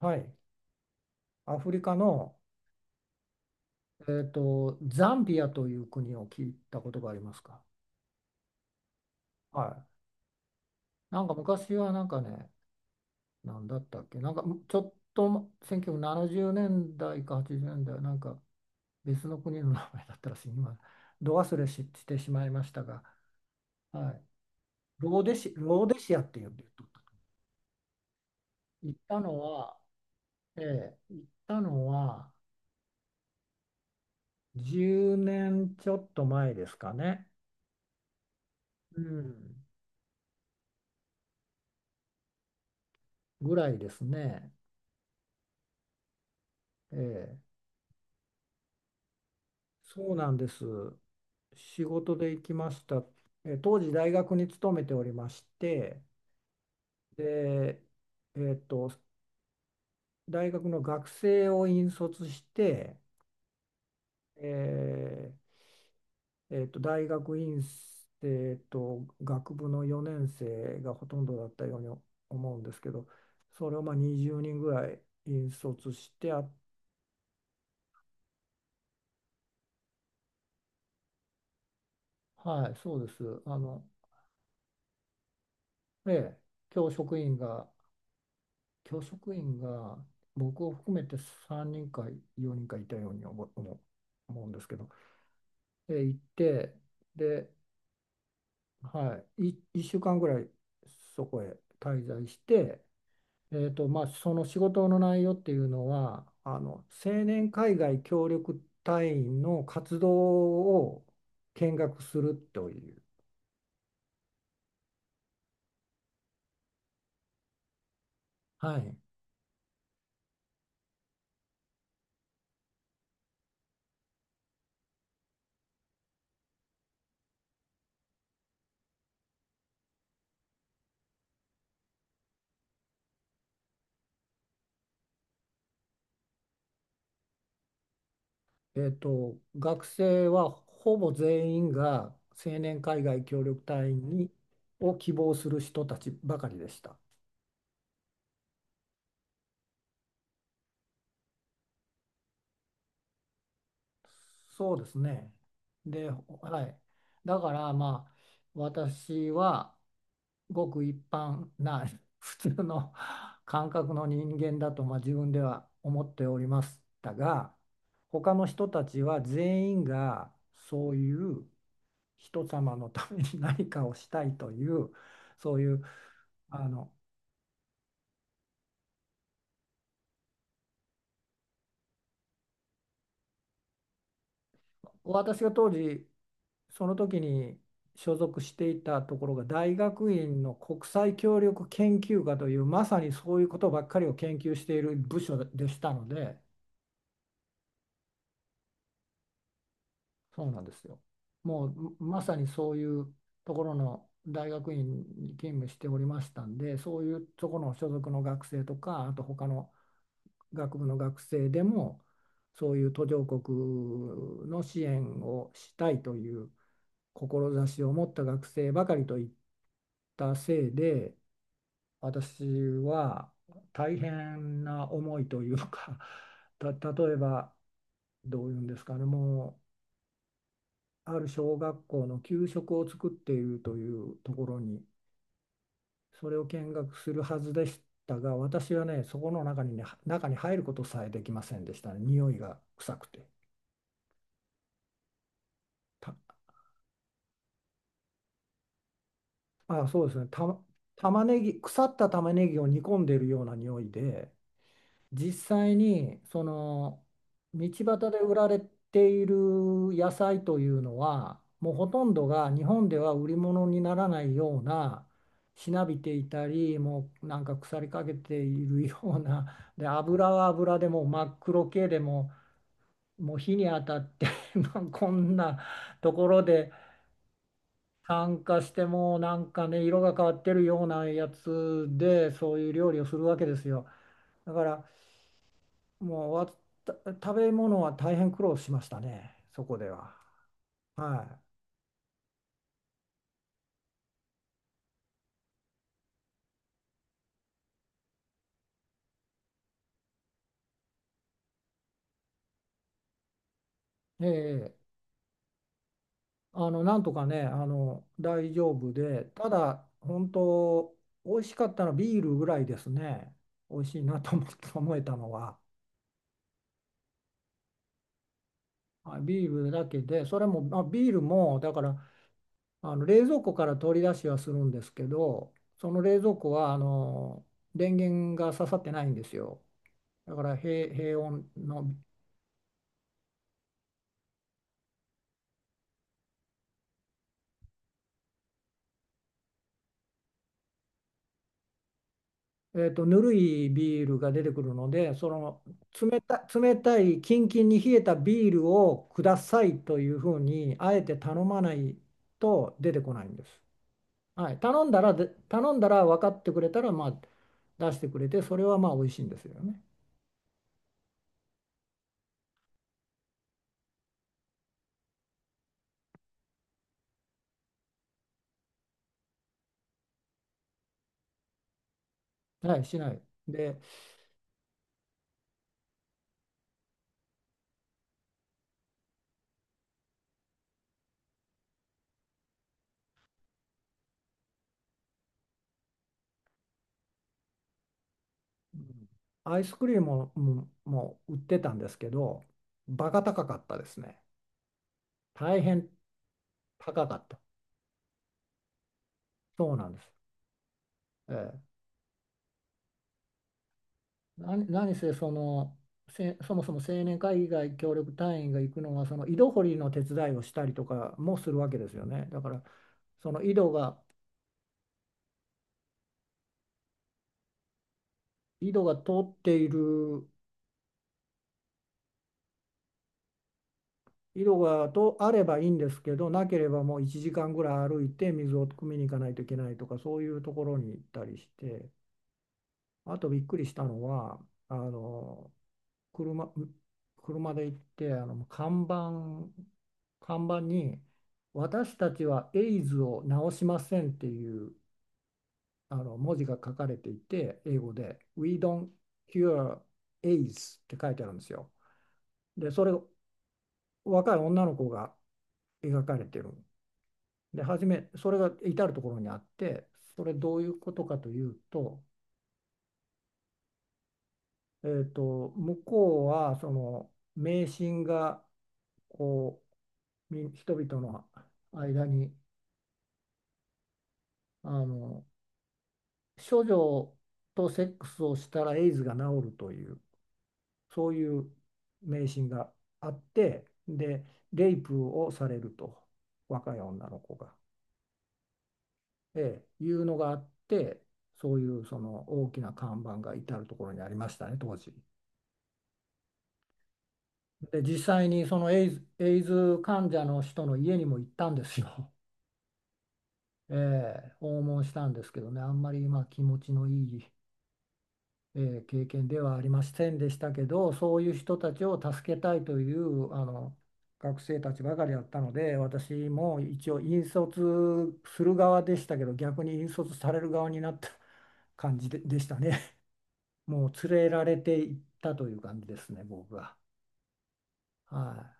はい。アフリカの、ザンビアという国を聞いたことがありますか？はい。なんか昔はなんかね、なんだったっけ、なんかちょっと1970年代か80年代、なんか別の国の名前だったらしい、今、ど忘れし、してしまいましたが、はい。ローデシアっていうんで言っとった。行ったのは、ええ、行ったのは10年ちょっと前ですかね。うん。ぐらいですね。ええ、そうなんです。仕事で行きました。当時大学に勤めておりまして、で、えーっと、大学の学生を引率して、え大学院生と学部の4年生がほとんどだったように思うんですけど、それをまあ20人ぐらい引率してはい、そうです。あの、ええ、教職員が教職員が僕を含めて3人か4人かいたように思う、んですけど、で、行って、で、はい、1週間ぐらいそこへ滞在して、まあ、その仕事の内容っていうのは、あの青年海外協力隊員の活動を見学するという。はい。学生はほぼ全員が青年海外協力隊員を希望する人たちばかりでした。そうですね。で、はい。だからまあ私はごく一般な 普通の感覚の人間だとまあ自分では思っておりましたが、他の人たちは全員がそういう人様のために何かをしたいという、そういう。あの私が当時その時に所属していたところが大学院の国際協力研究科という、まさにそういうことばっかりを研究している部署でしたので。そうなんですよ。もうまさにそういうところの大学院に勤務しておりましたんで、そういうところの所属の学生とかあと他の学部の学生でも、そういう途上国の支援をしたいという志を持った学生ばかりといったせいで、私は大変な思いというか、 例えばどういうんですかね、もうある小学校の給食を作っているというところに、それを見学するはずでしたが、私はねそこの中にね、中に入ることさえできませんでしたね、匂いが臭くて。たそうですね。た玉ねぎ腐った玉ねぎを煮込んでいるような匂いで、実際にその道端で売られている野菜というのはもうほとんどが日本では売り物にならないような、しなびていたりもうなんか腐りかけているような、で油は油でもう真っ黒系でも、もう火に当たって まあこんなところで酸化してもうなんかね色が変わってるようなやつで、そういう料理をするわけですよ。だからもう食べ物は大変苦労しましたね、そこでは。はい。ええ、あの、なんとかね、あの、大丈夫で、ただ、本当、美味しかったのはビールぐらいですね。美味しいなと思って 思えたのは。はい、ビールだけで、それも、まあ、ビールも、だから、あの、冷蔵庫から取り出しはするんですけど、その冷蔵庫は、あの、電源が刺さってないんですよ。だから平穏の、ぬるいビールが出てくるので、その冷たい、キンキンに冷えたビールをくださいというふうに、あえて頼まないと出てこないんです。はい、頼んだら分かってくれたら、まあ、出してくれて、それはまあ美味しいんですよね。はい、しない。で、うん、アイスクリームも、もう売ってたんですけど、バカ高かったですね。大変高かった。そうなんです。ええ、何せ、そもそも青年会議外協力隊員が行くのはその井戸掘りの手伝いをしたりとかもするわけですよね。だからその井戸が、通っている井戸がとあればいいんですけど、なければもう1時間ぐらい歩いて水を汲みに行かないといけないとか、そういうところに行ったりして、あとびっくりしたのはあの車、う車で行って、あの看板に「私たちはエイズを治しません」っていう、あの文字が書かれていて、英語で「We don't cure AIDS」って書いてあるんですよ。でそれを若い女の子が描かれてる。で初めそれが至る所にあって、それどういうことかというと、向こうはその迷信が、こうみ人々の間にあの処女とセックスをしたらエイズが治るという、そういう迷信があってで、レイプをされると若い女の子が、えいうのがあって、そういうその大きな看板が至るところにありましたね、当時。で実際にそのエイズ、エイズ患者の人の家にも行ったんですよ。訪問したんですけどね、あんまりまあ気持ちのいい、経験ではありませんでしたけど、そういう人たちを助けたいというあの学生たちばかりだったので、私も一応引率する側でしたけど、逆に引率される側になった 感じで、でしたね。もう連れられていったという感じですね、僕は。はい。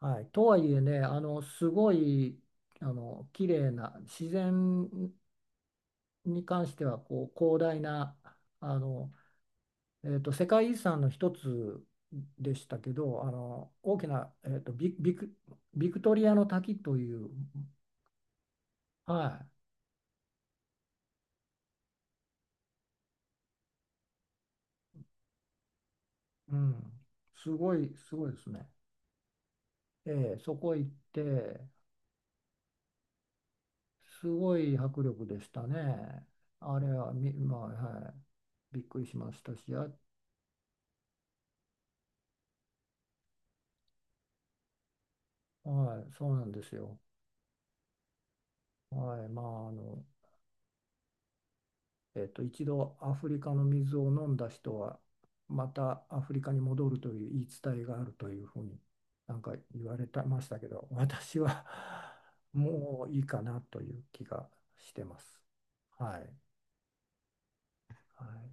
はい、とはいえね、あのすごい、あの綺麗な自然に関しては、こう広大なあの、世界遺産の一つでしたけど、あの大きな、ビクトリアの滝という。はい、うん、すごい、すごいですね。ええ、そこ行って、すごい迫力でしたね。あれはみ、まあ、はい、びっくりしましたし、はい、そうなんですよ。はい、まあ、一度アフリカの水を飲んだ人は、またアフリカに戻るという言い伝えがあるというふうになんか言われてましたけど、私は もういいかなという気がしてます。はい。はい。